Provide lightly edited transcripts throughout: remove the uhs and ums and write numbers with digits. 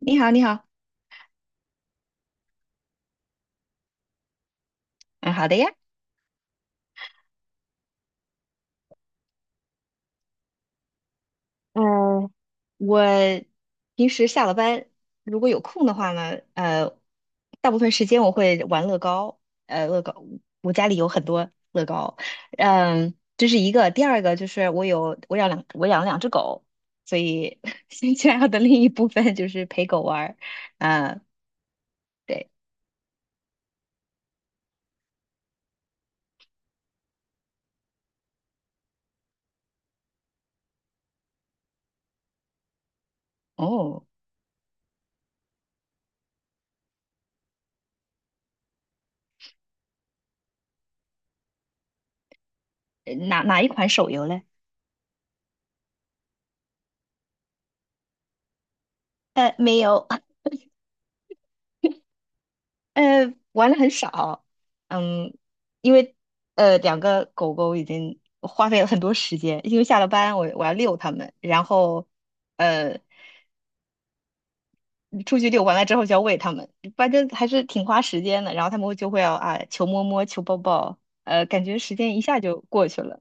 你好，你好。嗯，好的呀。嗯，我平时下了班如果有空的话呢，大部分时间我会玩乐高。呃，乐高，我家里有很多乐高。这是一个，第二个就是我养了2只狗，所以 兴趣爱好的另一部分就是陪狗玩儿。啊，对。哦。哪一款手游嘞？没有。玩的很少。嗯，因为2个狗狗已经花费了很多时间，因为下了班我要遛它们，然后呃出去遛完了之后就要喂它们。反正还是挺花时间的。然后它们就会要啊求摸摸求抱抱。感觉时间一下就过去了。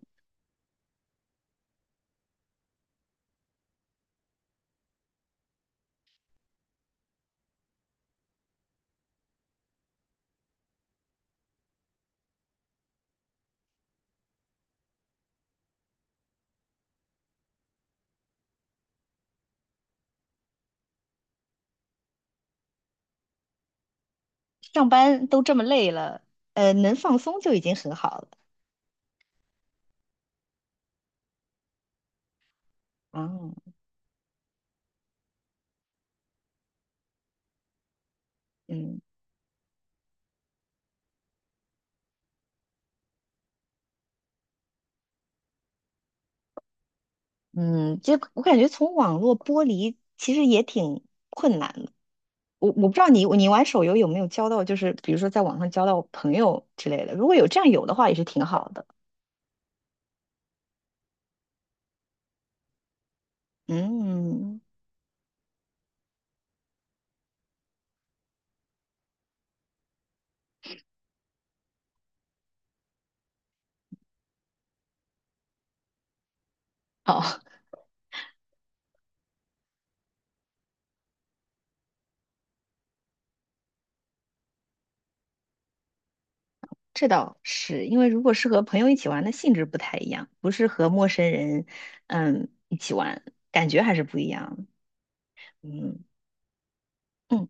上班都这么累了，能放松就已经很好了。啊。嗯。嗯，就我感觉从网络剥离其实也挺困难的。我不知道你玩手游有没有交到，就是比如说在网上交到朋友之类的。如果有这样有的话，也是挺好的。嗯。哦。这倒是，因为如果是和朋友一起玩的性质不太一样，不是和陌生人一起玩，感觉还是不一样的。嗯嗯。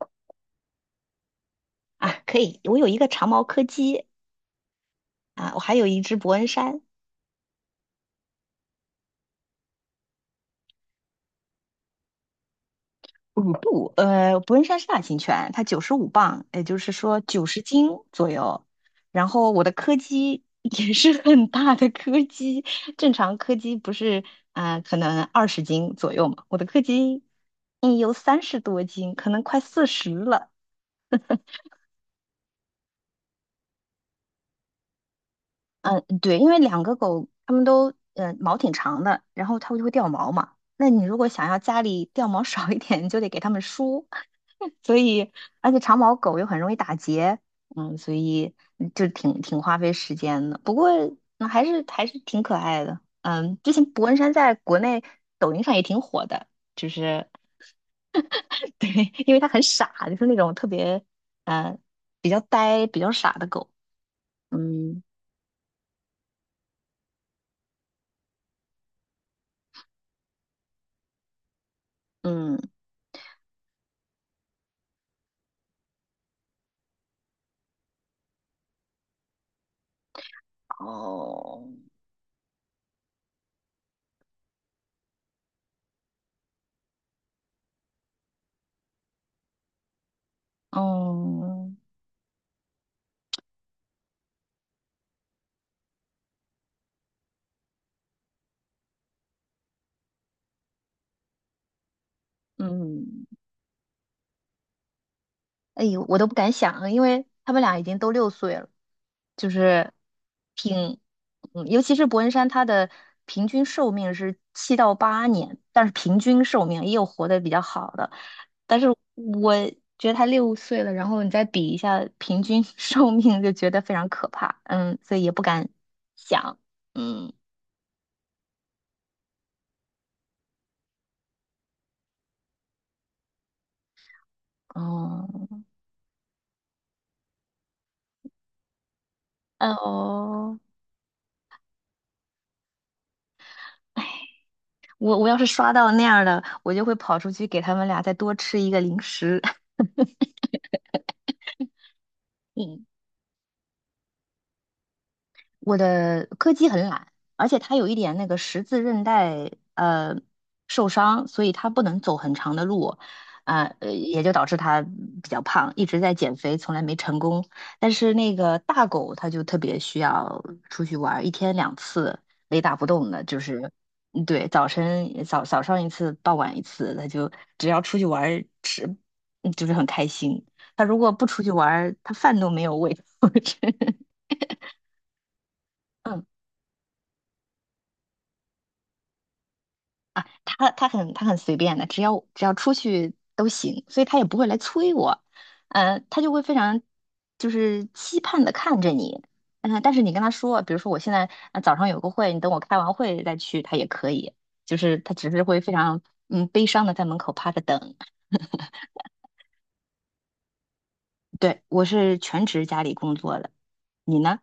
啊，可以，我有一个长毛柯基。啊，我还有一只伯恩山。五步，伯恩山是大型犬，它95磅，也就是说90斤左右。然后我的柯基也是 很大的柯基。正常柯基不是可能20斤左右嘛，我的柯基有30多斤，可能快40了。嗯，对，因为两个狗它们都毛挺长的，然后它们就会掉毛嘛。那你如果想要家里掉毛少一点，你就得给它们梳。所以而且长毛狗又很容易打结。嗯，所以就挺花费时间的。不过还是挺可爱的。嗯，之前博恩山在国内抖音上也挺火的，就是 对。因为它很傻，就是那种特别嗯比较呆、比较傻的狗。嗯嗯。哦。嗯嗯。哎呦，我都不敢想啊，因为他们俩已经都六岁了。就是挺，嗯，尤其是伯恩山，他的平均寿命是7到8年，但是平均寿命也有活得比较好的。但是我觉得他六岁了，然后你再比一下平均 寿命，就觉得非常可怕。嗯，所以也不敢想。嗯。哦。嗯哦。哎。我要是刷到那样的，我就会跑出去给他们俩再多吃一个零食。嗯。我的柯基很懒，而且它有一点那个十字韧带受伤，所以它不能走很长的路。也就导致它比较胖，一直在减肥，从来没成功。但是那个大狗它就特别需要出去玩儿，一天2次，雷打不动的。就是对。早晨早早上一次，傍晚一次。它就只要出去玩儿吃，就是很开心。它如果不出去玩儿，它饭都没有喂。我真。啊，他很随便的，只要出去都行，所以他也不会来催我。他就会非常就是期盼的看着你。但是你跟他说，比如说我现在早上有个会，你等我开完会再去，他也可以。就是他只是会非常悲伤的在门口趴着等。对，我是全职家里工作的。你呢？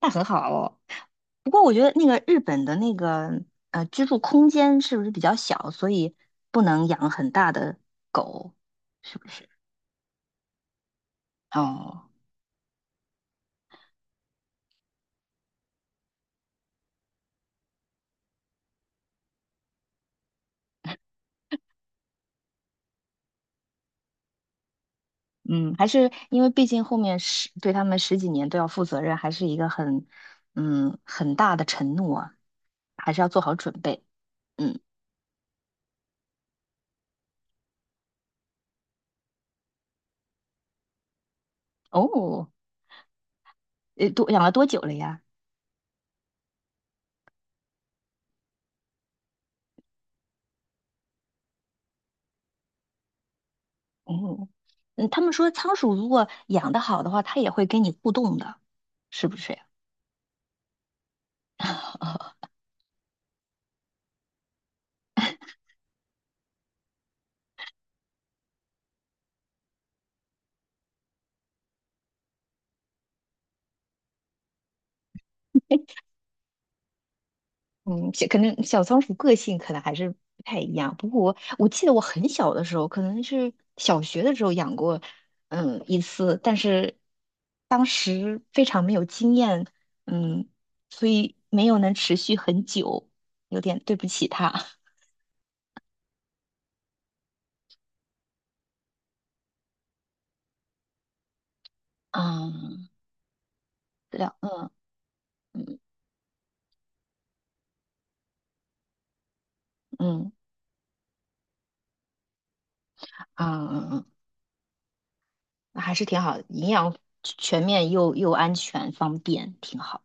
那很好哦。不过我觉得那个日本的那个居住空间是不是比较小，所以不能养很大的狗，是不是？哦。嗯，还是因为毕竟后面对他们10几年都要负责任，还是一个很很大的承诺啊。还是要做好准备。嗯。哦。多养了多久了呀？哦。嗯，他们说仓鼠如果养得好的话，它也会跟你互动的，是不是呀？嗯，可能小仓鼠个性可能还是不太一样。不过我记得我很小的时候，可能是小学的时候养过。嗯，一次，但是当时非常没有经验。嗯。所以没有能持续很久，有点对不起它。嗯。对的。嗯嗯嗯嗯嗯嗯。那还是挺好的，营养全面又安全方便，挺好。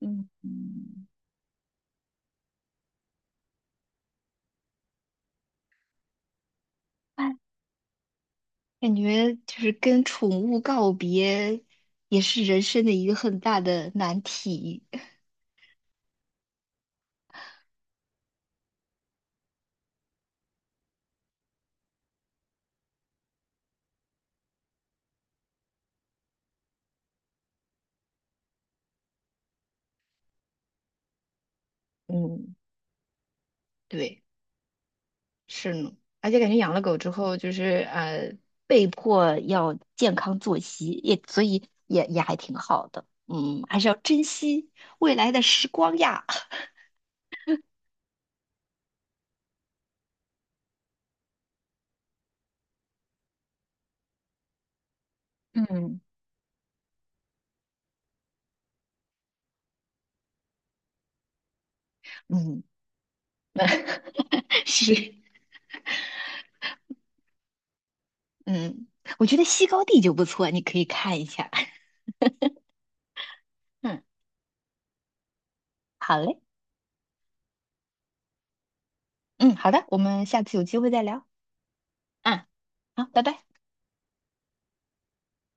嗯嗯。哎，感觉就是跟宠物告别，也是人生的一个很大的难题。嗯，对。是呢。而且感觉养了狗之后，就是呃，被迫要健康作息，所以也还挺好的。嗯，还是要珍惜未来的时光呀。嗯。嗯。是。嗯。我觉得西高地就不错，你可以看一下。嗯。好嘞。嗯，好的，我们下次有机会再聊。嗯，好，拜拜。